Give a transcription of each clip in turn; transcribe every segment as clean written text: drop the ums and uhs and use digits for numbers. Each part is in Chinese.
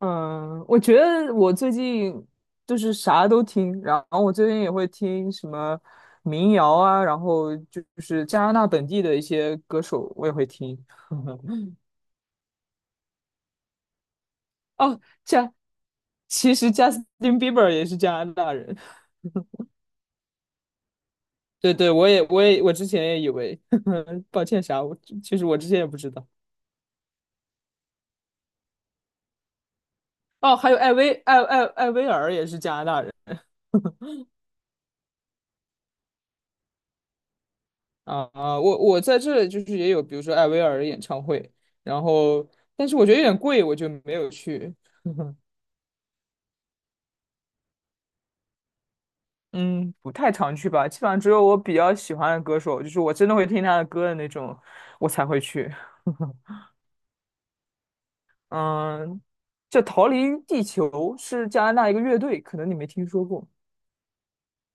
嗯，我觉得我最近就是啥都听，然后我最近也会听什么民谣啊，然后就是加拿大本地的一些歌手我也会听。哦，加，其实贾斯 比伯也是加拿大人。对对，我之前也以为，抱歉啥，其实我之前也不知道。哦，还有艾薇儿也是加拿大人。我在这里就是也有，比如说艾薇儿的演唱会，然后但是我觉得有点贵，我就没有去。嗯，不太常去吧，基本上只有我比较喜欢的歌手，就是我真的会听他的歌的那种，我才会去。嗯，这《逃离地球》是加拿大一个乐队，可能你没听说过。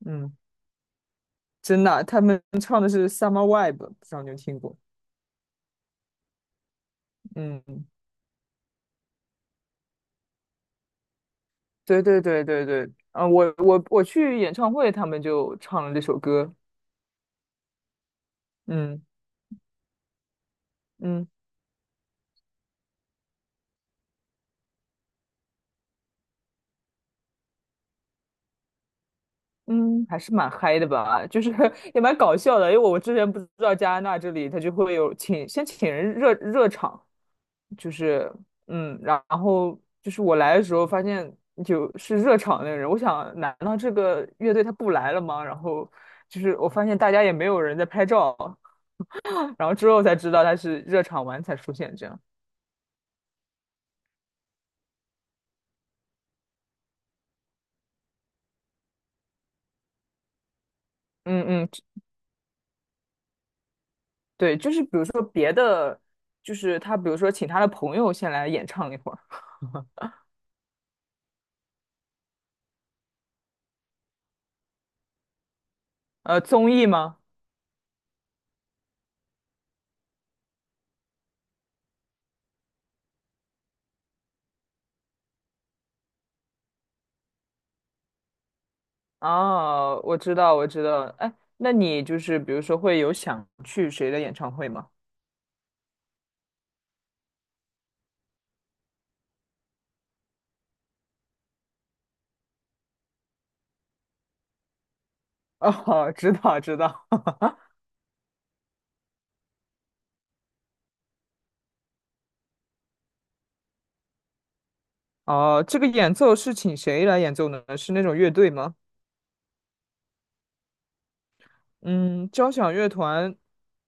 嗯，真的啊，他们唱的是《Summer Vibe》，不知道你有听过？嗯，对对对对对，啊，我去演唱会，他们就唱了这首歌。嗯。嗯嗯，还是蛮嗨的吧，就是 也蛮搞笑的，因为我之前不知道加拿大这里他就会有请人热热场，就是然后就是我来的时候发现就是热场那个人，我想难道这个乐队他不来了吗？然后就是我发现大家也没有人在拍照，然后之后才知道他是热场完才出现这样。嗯嗯，对，就是比如说别的，就是他比如说请他的朋友先来演唱一会儿，综艺吗？哦，我知道，我知道。哎，那你就是比如说会有想去谁的演唱会吗？哦，知道，知道。哦，这个演奏是请谁来演奏呢？是那种乐队吗？嗯，交响乐团，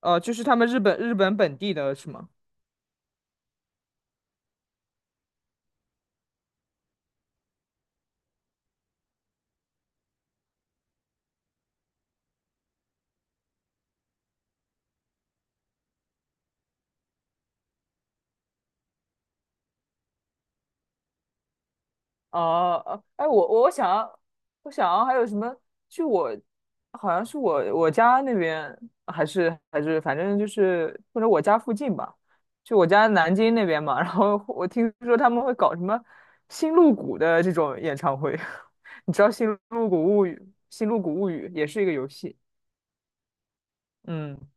就是他们日本本地的是吗？哦、哎，我想要，我想要还有什么？就好像是我家那边，还是反正就是或者我家附近吧，就我家南京那边嘛。然后我听说他们会搞什么新露谷的这种演唱会，你知道《新露谷物语》也是一个游戏，嗯，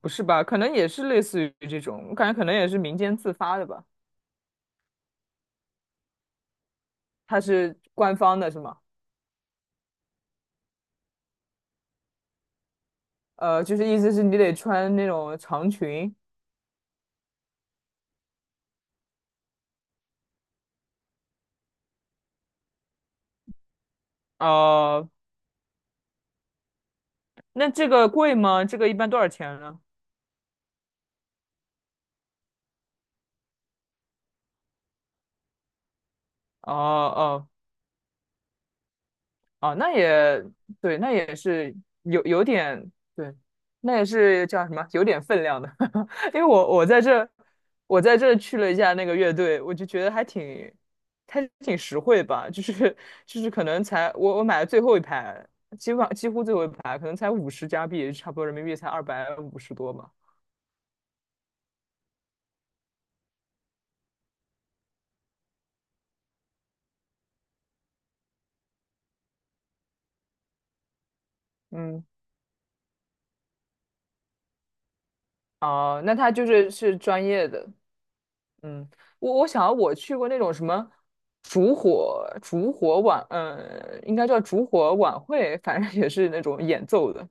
不是吧？可能也是类似于这种，我感觉可能也是民间自发的吧。它是官方的，是吗？就是意思是你得穿那种长裙。哦，那这个贵吗？这个一般多少钱呢？哦哦哦，那也对，那也是有点对，那也是叫什么？有点分量的，因为我在这去了一下那个乐队，我就觉得还挺实惠吧，就是 就是可能才我买了最后一排，基本上几乎最后一排，可能才50加币，差不多人民币才250多吧。嗯，哦，那他就是专业的。嗯，我去过那种什么烛火烛火晚，应该叫烛火晚会，反正也是那种演奏的，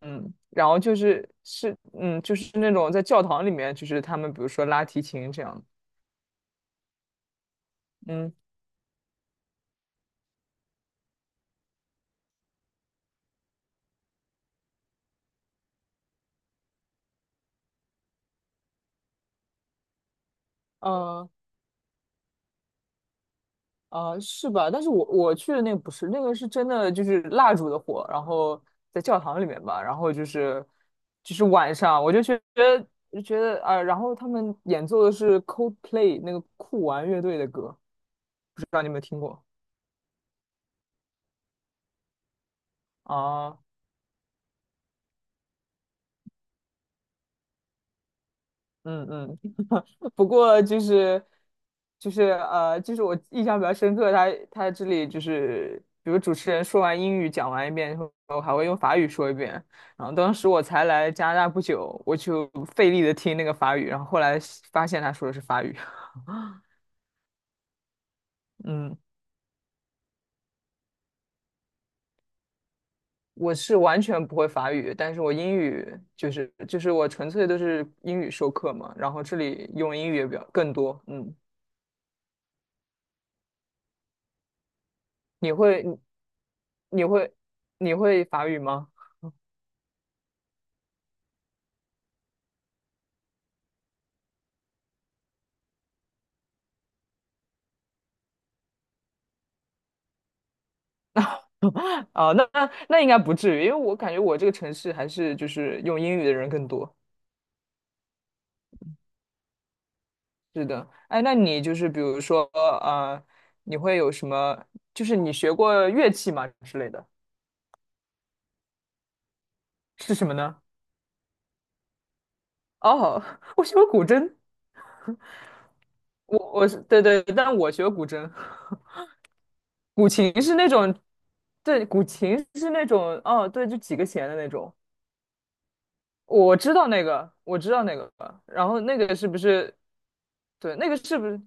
嗯，然后就是就是那种在教堂里面，就是他们比如说拉提琴这样，嗯，啊，是吧？但是我去的那个不是，那个是真的就是蜡烛的火，然后在教堂里面吧，然后就是晚上，我就觉得啊，然后他们演奏的是 Coldplay 那个酷玩乐队的歌，不知道你有没有听过啊？嗯嗯，不过就是就是我印象比较深刻，他这里就是，比如主持人说完英语讲完一遍以后，还会用法语说一遍。然后当时我才来加拿大不久，我就费力的听那个法语，然后后来发现他说的是法语。嗯，我是完全不会法语，但是我英语就是我纯粹都是英语授课嘛，然后这里用英语也比较更多。嗯，你会你你会你会法语吗？哦，那应该不至于，因为我感觉我这个城市还是就是用英语的人更多。是的，哎，那你就是比如说，你会有什么？就是你学过乐器吗之类的？是什么呢？哦，我学过古筝，我是对对，但我学过古筝，古琴是那种，对，古琴是那种，哦，对，就几个弦的那种。我知道那个，我知道那个，然后那个是不是？对，那个是不是？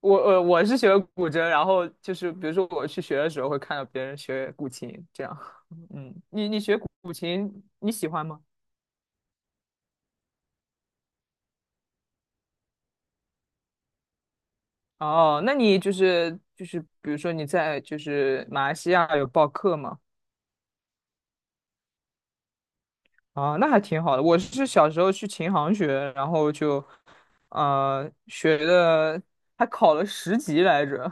我是学古筝，然后就是比如说我去学的时候会看到别人学古琴，这样。嗯，你学古琴你喜欢吗？哦，那你就是比如说你在就是马来西亚有报课吗？啊，那还挺好的。我是小时候去琴行学，然后就学的还考了10级来着。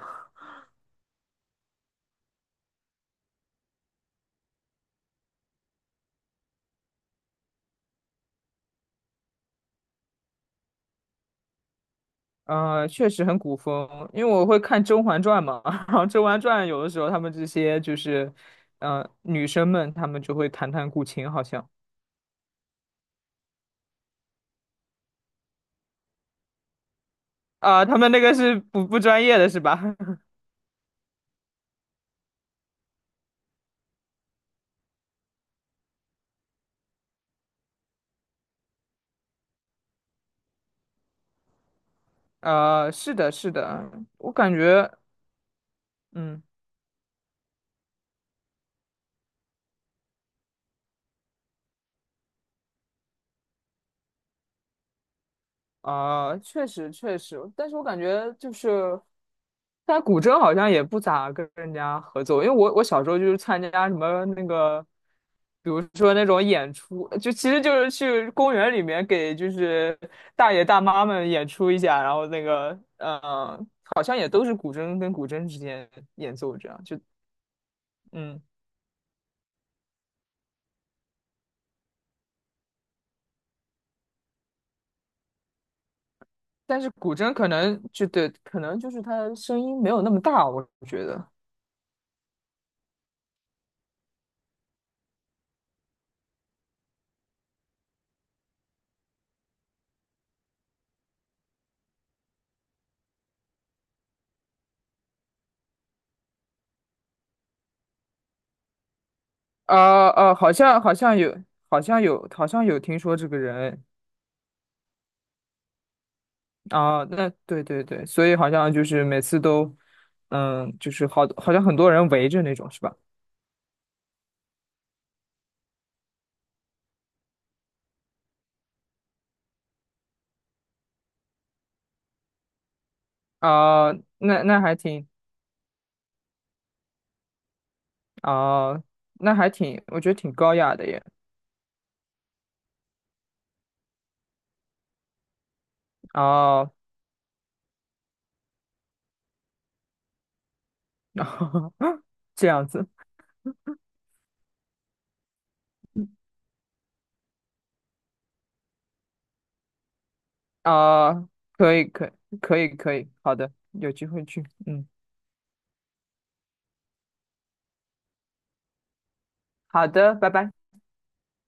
嗯，确实很古风，因为我会看《甄嬛传》嘛，然后《甄嬛传》有的时候他们这些就是，女生们她们就会弹弹古琴，好像啊，他们那个是不专业的是吧？是的，是的，我感觉，嗯，啊、确实确实，但是我感觉就是但古筝好像也不咋跟人家合作，因为我小时候就是参加什么那个，比如说那种演出，就其实就是去公园里面给就是大爷大妈们演出一下，然后那个好像也都是古筝跟古筝之间演奏这样，嗯，但是古筝可能就对，可能就是它声音没有那么大，我觉得，好像有，好像有，好像有听说这个人。啊，那对对对，所以好像就是每次都，就是好像很多人围着那种，是吧？啊，那那还挺啊，那还挺，我觉得挺高雅的耶。啊，这样子啊，可以，可以可以，可以，好的，有机会去，嗯，好的，拜拜。